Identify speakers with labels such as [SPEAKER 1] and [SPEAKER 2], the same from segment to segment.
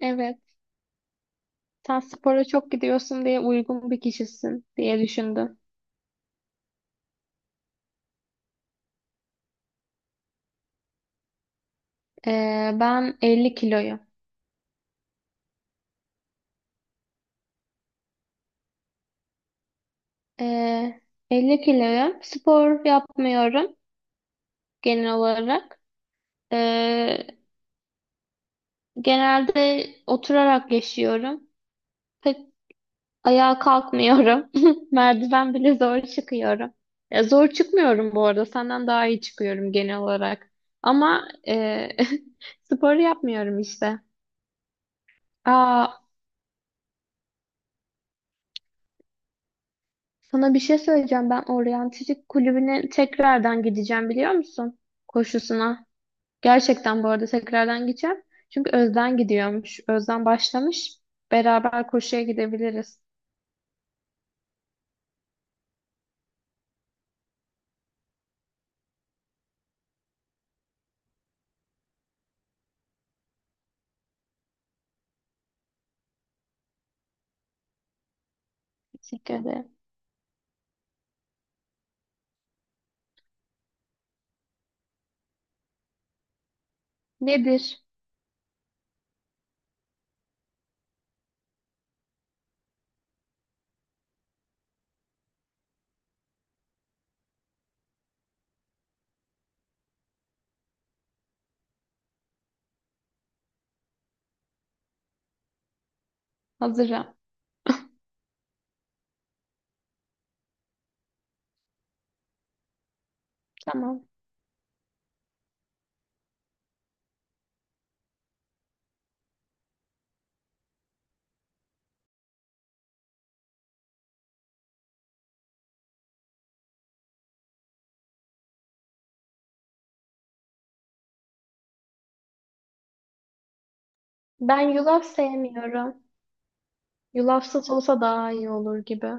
[SPEAKER 1] Evet. Sen spora çok gidiyorsun diye uygun bir kişisin diye düşündüm. Ben 50 kiloyum. Ee, 50 kiloyum. Spor yapmıyorum genel olarak. Ee, Genelde oturarak yaşıyorum. Pek ayağa kalkmıyorum. Merdiven bile zor çıkıyorum. Ya zor çıkmıyorum bu arada. Senden daha iyi çıkıyorum genel olarak. Ama e, spor yapmıyorum işte. Aa, sana bir şey söyleyeceğim. Ben oryantistik kulübüne tekrardan gideceğim biliyor musun? Koşusuna. Gerçekten bu arada tekrardan gideceğim. Çünkü Özden gidiyormuş. Özden başlamış. Beraber koşuya gidebiliriz. Teşekkür ederim. Nedir? Hazırım. Tamam. Ben yulaf sevmiyorum. Yulafsız olsa daha iyi olur gibi.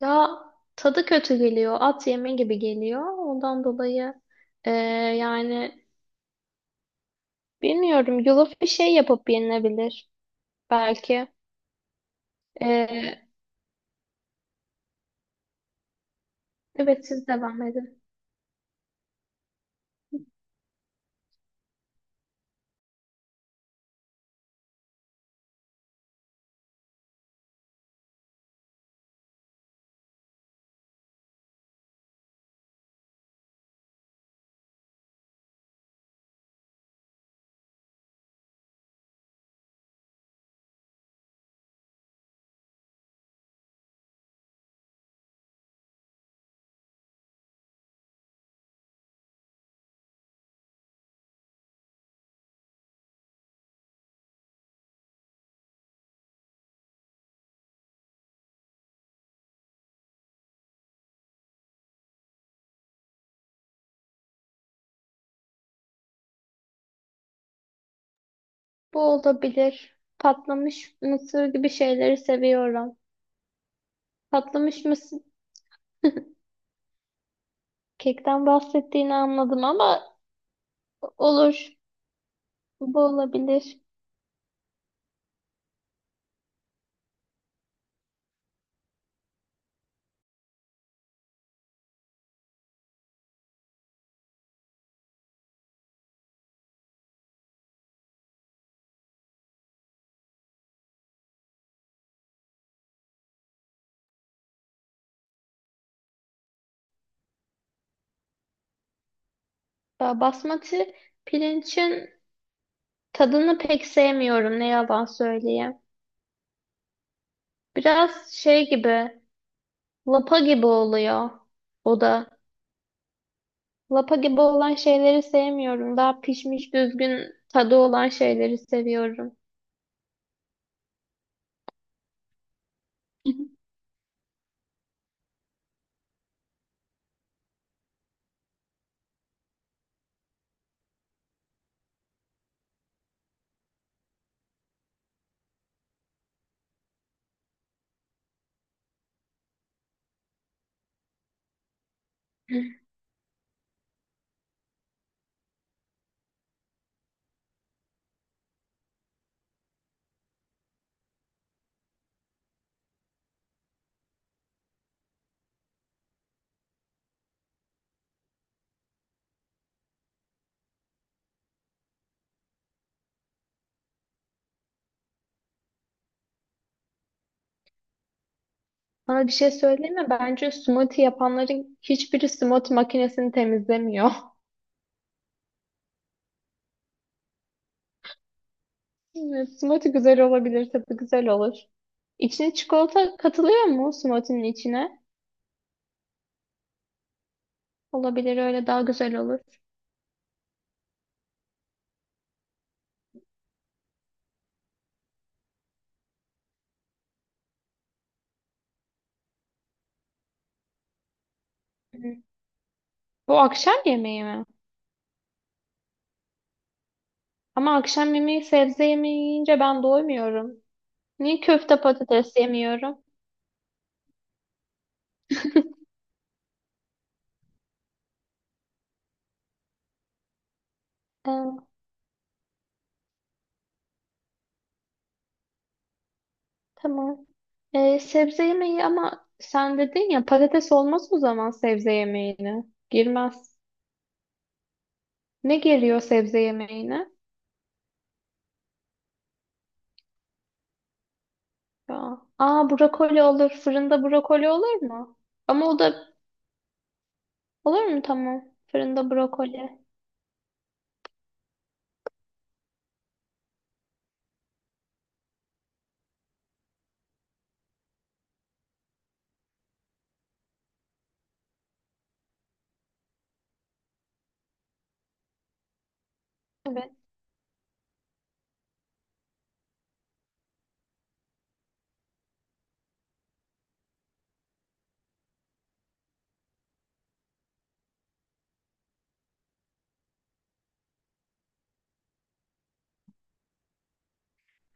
[SPEAKER 1] Ya tadı kötü geliyor. At yeme gibi geliyor. Ondan dolayı eee, yani bilmiyorum. Yulaf bir şey yapıp yenilebilir. Belki. Ee, evet siz devam edin. Bu olabilir. Patlamış mısır gibi şeyleri seviyorum. Patlamış mısır kekten bahsettiğini anladım ama olur. Bu olabilir. Basmati pirincin tadını pek sevmiyorum ne yalan söyleyeyim. Biraz şey gibi, lapa gibi oluyor o da. Lapa gibi olan şeyleri sevmiyorum. Daha pişmiş düzgün tadı olan şeyleri seviyorum. Bana bir şey söyleyeyim mi? Bence smoothie yapanların hiçbiri smoothie makinesini temizlemiyor. Evet, smoothie güzel olabilir, tadı güzel olur. İçine çikolata katılıyor mu smoothie'nin içine? Olabilir, öyle daha güzel olur. Hı. Bu akşam yemeği mi? Ama akşam yemeği sebze yemeği yiyince ben doymuyorum. Niye köfte patates yemiyorum? Aa, tamam. Sebze yemeği ama sen dedin ya patates olmaz o zaman sebze yemeğine. Girmez. Ne geliyor sebze yemeğine? Ya. Aa brokoli olur. Fırında brokoli olur mu? Ama o da olur mu tamam. Fırında brokoli. Evet.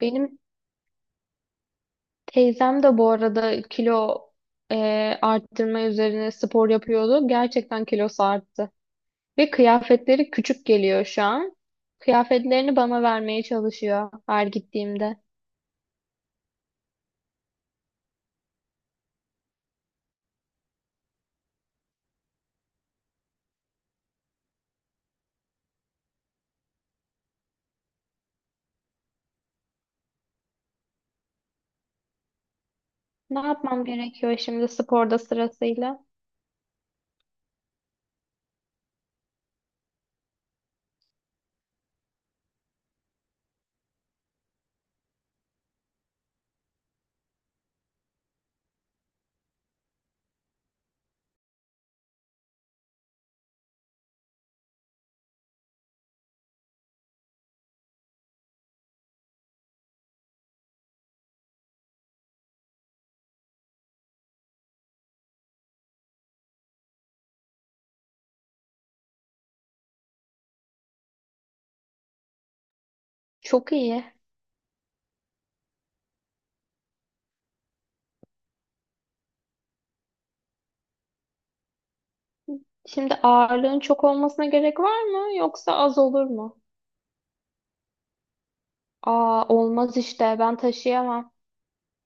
[SPEAKER 1] Benim teyzem de bu arada e, arttırma üzerine spor yapıyordu. Gerçekten kilosu arttı. Ve kıyafetleri küçük geliyor şu an. Kıyafetlerini bana vermeye çalışıyor her gittiğimde. Ne yapmam gerekiyor şimdi sporda sırasıyla? Çok iyi. Şimdi ağırlığın çok olmasına gerek var mı yoksa az olur mu? Aa olmaz işte ben taşıyamam.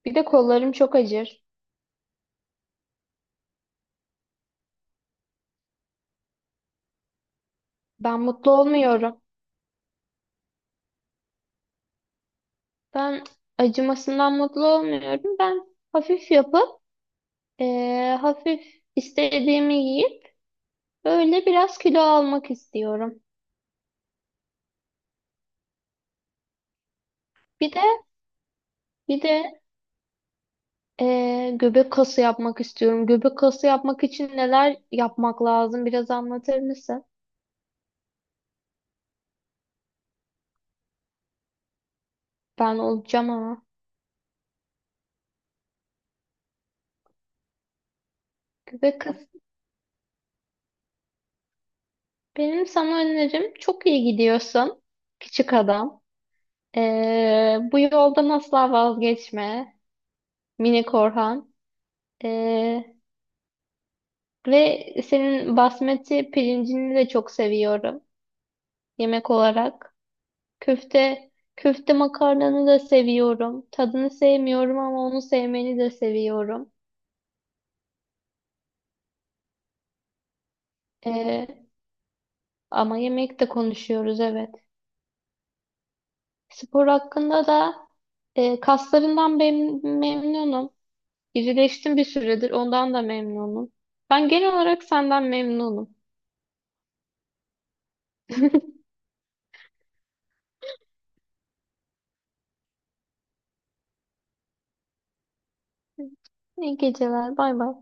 [SPEAKER 1] Bir de kollarım çok acır. Ben mutlu olmuyorum. Ben acımasından mutlu olmuyorum. Ben hafif yapıp hafif istediğimi yiyip böyle biraz kilo almak istiyorum. Bir de bir de göbek kası yapmak istiyorum. Göbek kası yapmak için neler yapmak lazım? Biraz anlatır mısın? Ben olacağım ama. Göbek kası. Benim sana önerim çok iyi gidiyorsun. Küçük adam. Bu yoldan asla vazgeçme. Mini Korhan. Ee, Ve senin basmati pirincini de çok seviyorum. Yemek olarak. Köfte, köfte makarnanı da seviyorum. Tadını sevmiyorum ama onu sevmeni de seviyorum. Ee, Ama yemekte konuşuyoruz evet. Spor hakkında da kaslarından memnunum. İrileştim bir süredir ondan da memnunum. Ben genel olarak senden memnunum. İyi geceler. Bay bay.